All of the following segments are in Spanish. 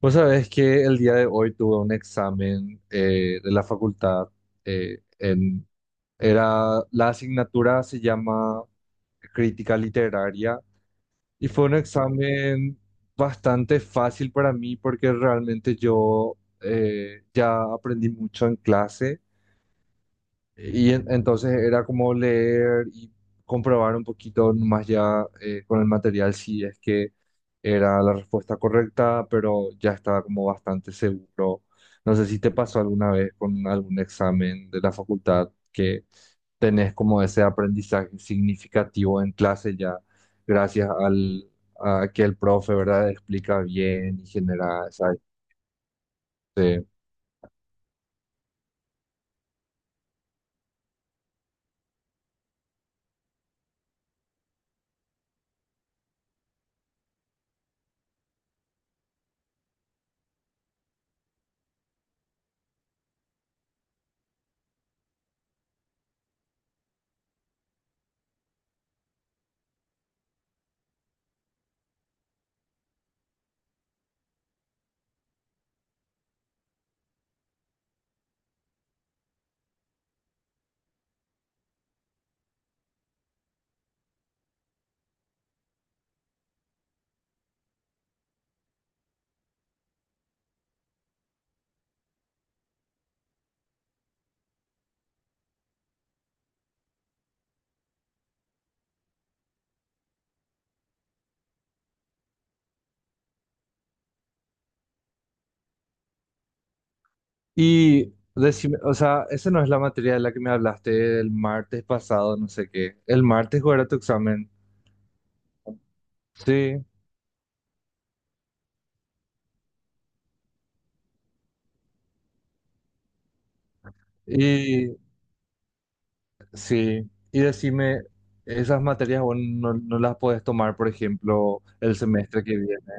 Vos sabés que el día de hoy tuve un examen de la facultad. eh, en, la asignatura se llama Crítica Literaria y fue un examen bastante fácil para mí porque realmente yo ya aprendí mucho en clase y entonces era como leer y comprobar un poquito más ya, con el material, si es que era la respuesta correcta, pero ya estaba como bastante seguro. No sé si te pasó alguna vez con algún examen de la facultad que tenés como ese aprendizaje significativo en clase ya gracias a que el profe, ¿verdad?, explica bien y genera esa... este, Y decime, o sea, esa no es la materia de la que me hablaste el martes pasado, no sé qué. El martes, ¿cuál era tu examen? Sí, y sí. Y decime, esas materias vos no las podés tomar, por ejemplo, el semestre que viene.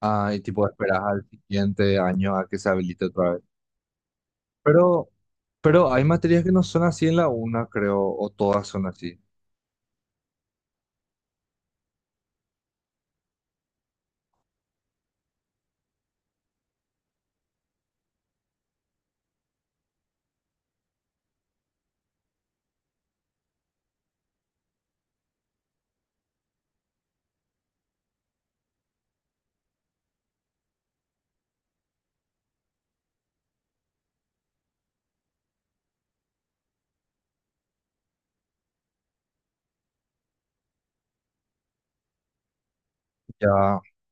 Ah, y tipo esperas al siguiente año a que se habilite otra vez. Pero, pero hay materias que no son así en la una, creo, o todas son así. Ya,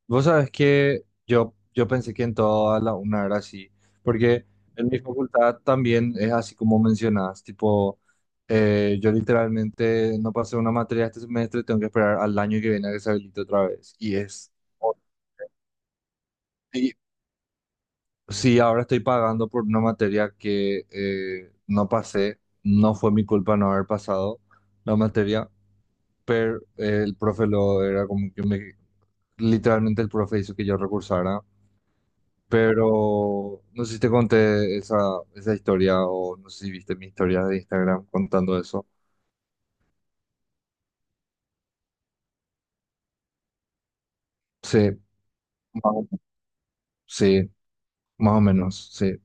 vos sabés que yo pensé que en toda la una era así, porque en mi facultad también es así como mencionás, tipo, yo literalmente no pasé una materia este semestre, tengo que esperar al año que viene a que se habilite otra vez, y es, y si ahora estoy pagando por una materia que no pasé, no fue mi culpa no haber pasado la materia, pero el profe lo era como que me, literalmente el profe hizo que yo recursara. Pero no sé si te conté esa historia, o no sé si viste mi historia de Instagram contando eso. Sí, más o- sí, más o menos, sí.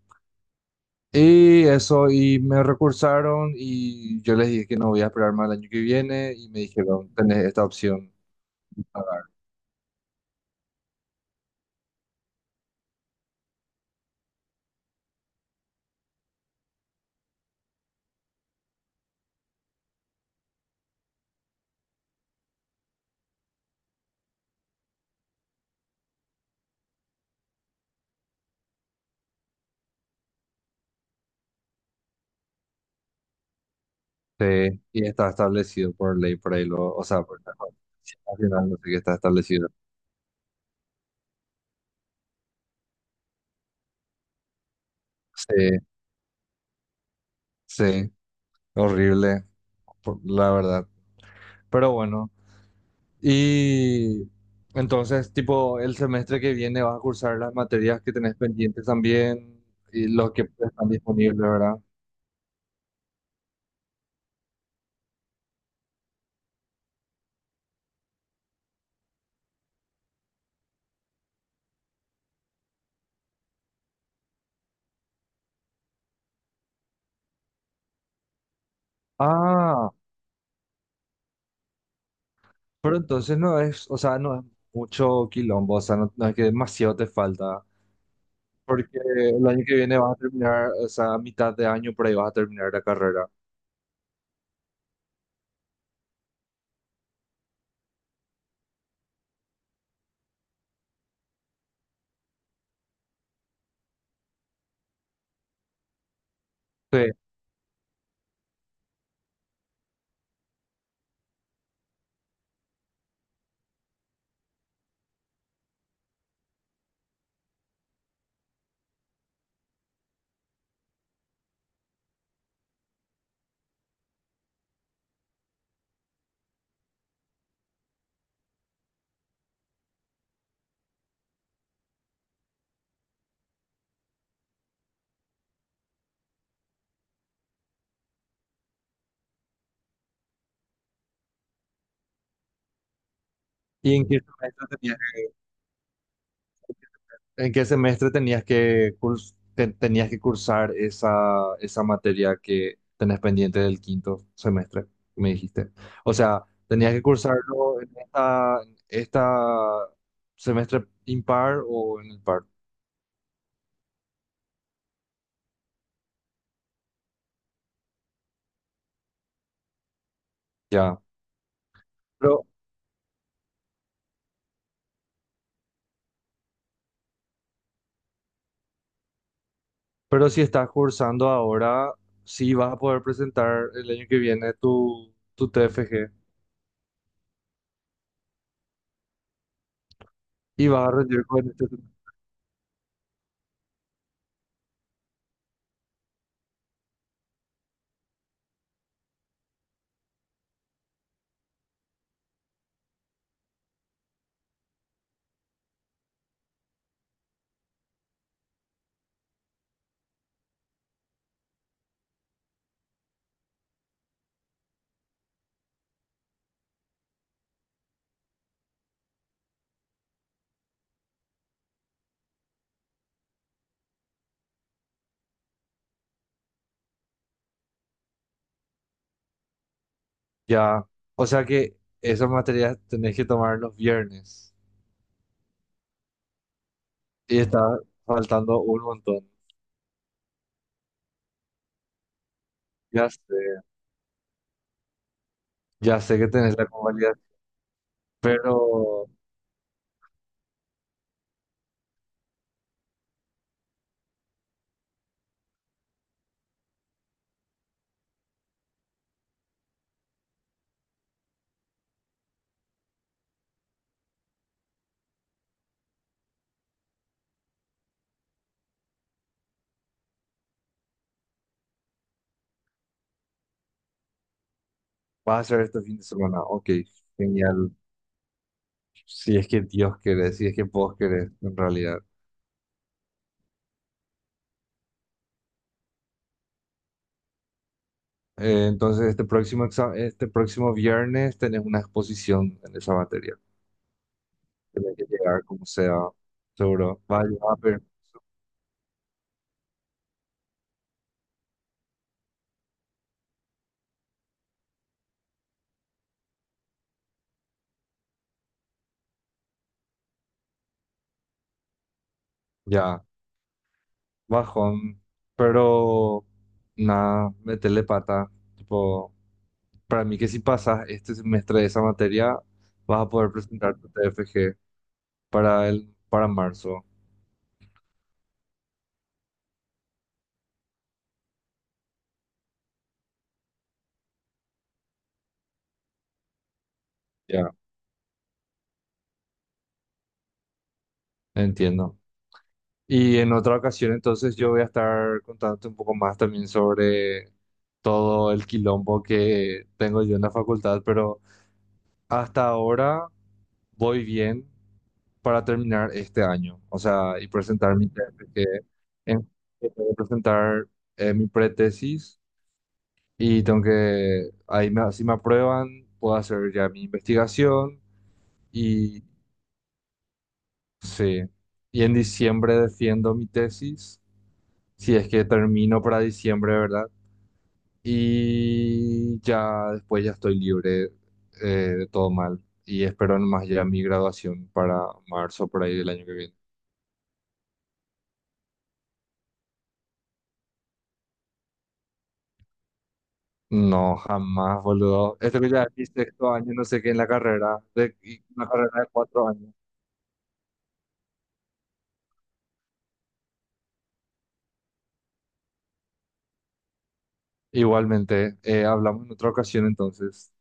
Y eso, y me recursaron y yo les dije que no voy a esperar más el año que viene, y me dijeron, tenés esta opción. Sí, y está establecido por ley, por ahí lo, o sea, por la Constitución nacional, no sé qué está establecido. Sí, sí, horrible, la verdad. Pero bueno. Y entonces, tipo, el semestre que viene vas a cursar las materias que tenés pendientes también, y los que están disponibles, ¿verdad? Ah, pero entonces no es, o sea, no es mucho quilombo, o sea, no es que demasiado te falta, porque el año que viene vas a terminar, o sea, a mitad de año por ahí vas a terminar la carrera. Sí. ¿Y en qué semestre tenías... ¿En qué semestre tenías que, tenías que cursar esa materia que tenés pendiente del quinto semestre? Me dijiste. O sea, tenías que cursarlo en esta semestre impar o en el par. Ya. Pero, pero si estás cursando ahora, sí vas a poder presentar el año que viene tu TFG y vas a rendir con este. Ya. O sea que esas materias tenés que tomar los viernes. Y está faltando un montón. Ya sé, ya sé que tenés la convalida, pero vas a hacer este fin de semana. Ok, genial. Si es que Dios quiere, si es que vos querés, en realidad. Entonces, este próximo viernes tenés una exposición en esa materia. Tenés que llegar como sea, seguro. Vaya, a ver, ya, bajón. Pero, nada, metele pata. Tipo. Para mí que si pasas este semestre de esa materia, vas a poder presentar tu TFG para el, para marzo. Ya, entiendo. Y en otra ocasión, entonces, yo voy a estar contándote un poco más también sobre todo el quilombo que tengo yo en la facultad, pero hasta ahora voy bien para terminar este año, o sea, y presentar mi TFG, en, que tengo que presentar, mi pretesis. Y tengo que, si me aprueban, puedo hacer ya mi investigación. Y sí. Y en diciembre defiendo mi tesis, si es que termino para diciembre, ¿verdad? Y ya después ya estoy libre, de todo mal. Y espero nomás ya mi graduación para marzo, por ahí del año que viene. No, jamás, boludo. Esto que ya es mi sexto año, no sé qué, en la carrera, de, y una carrera de cuatro años. Igualmente, hablamos en otra ocasión entonces.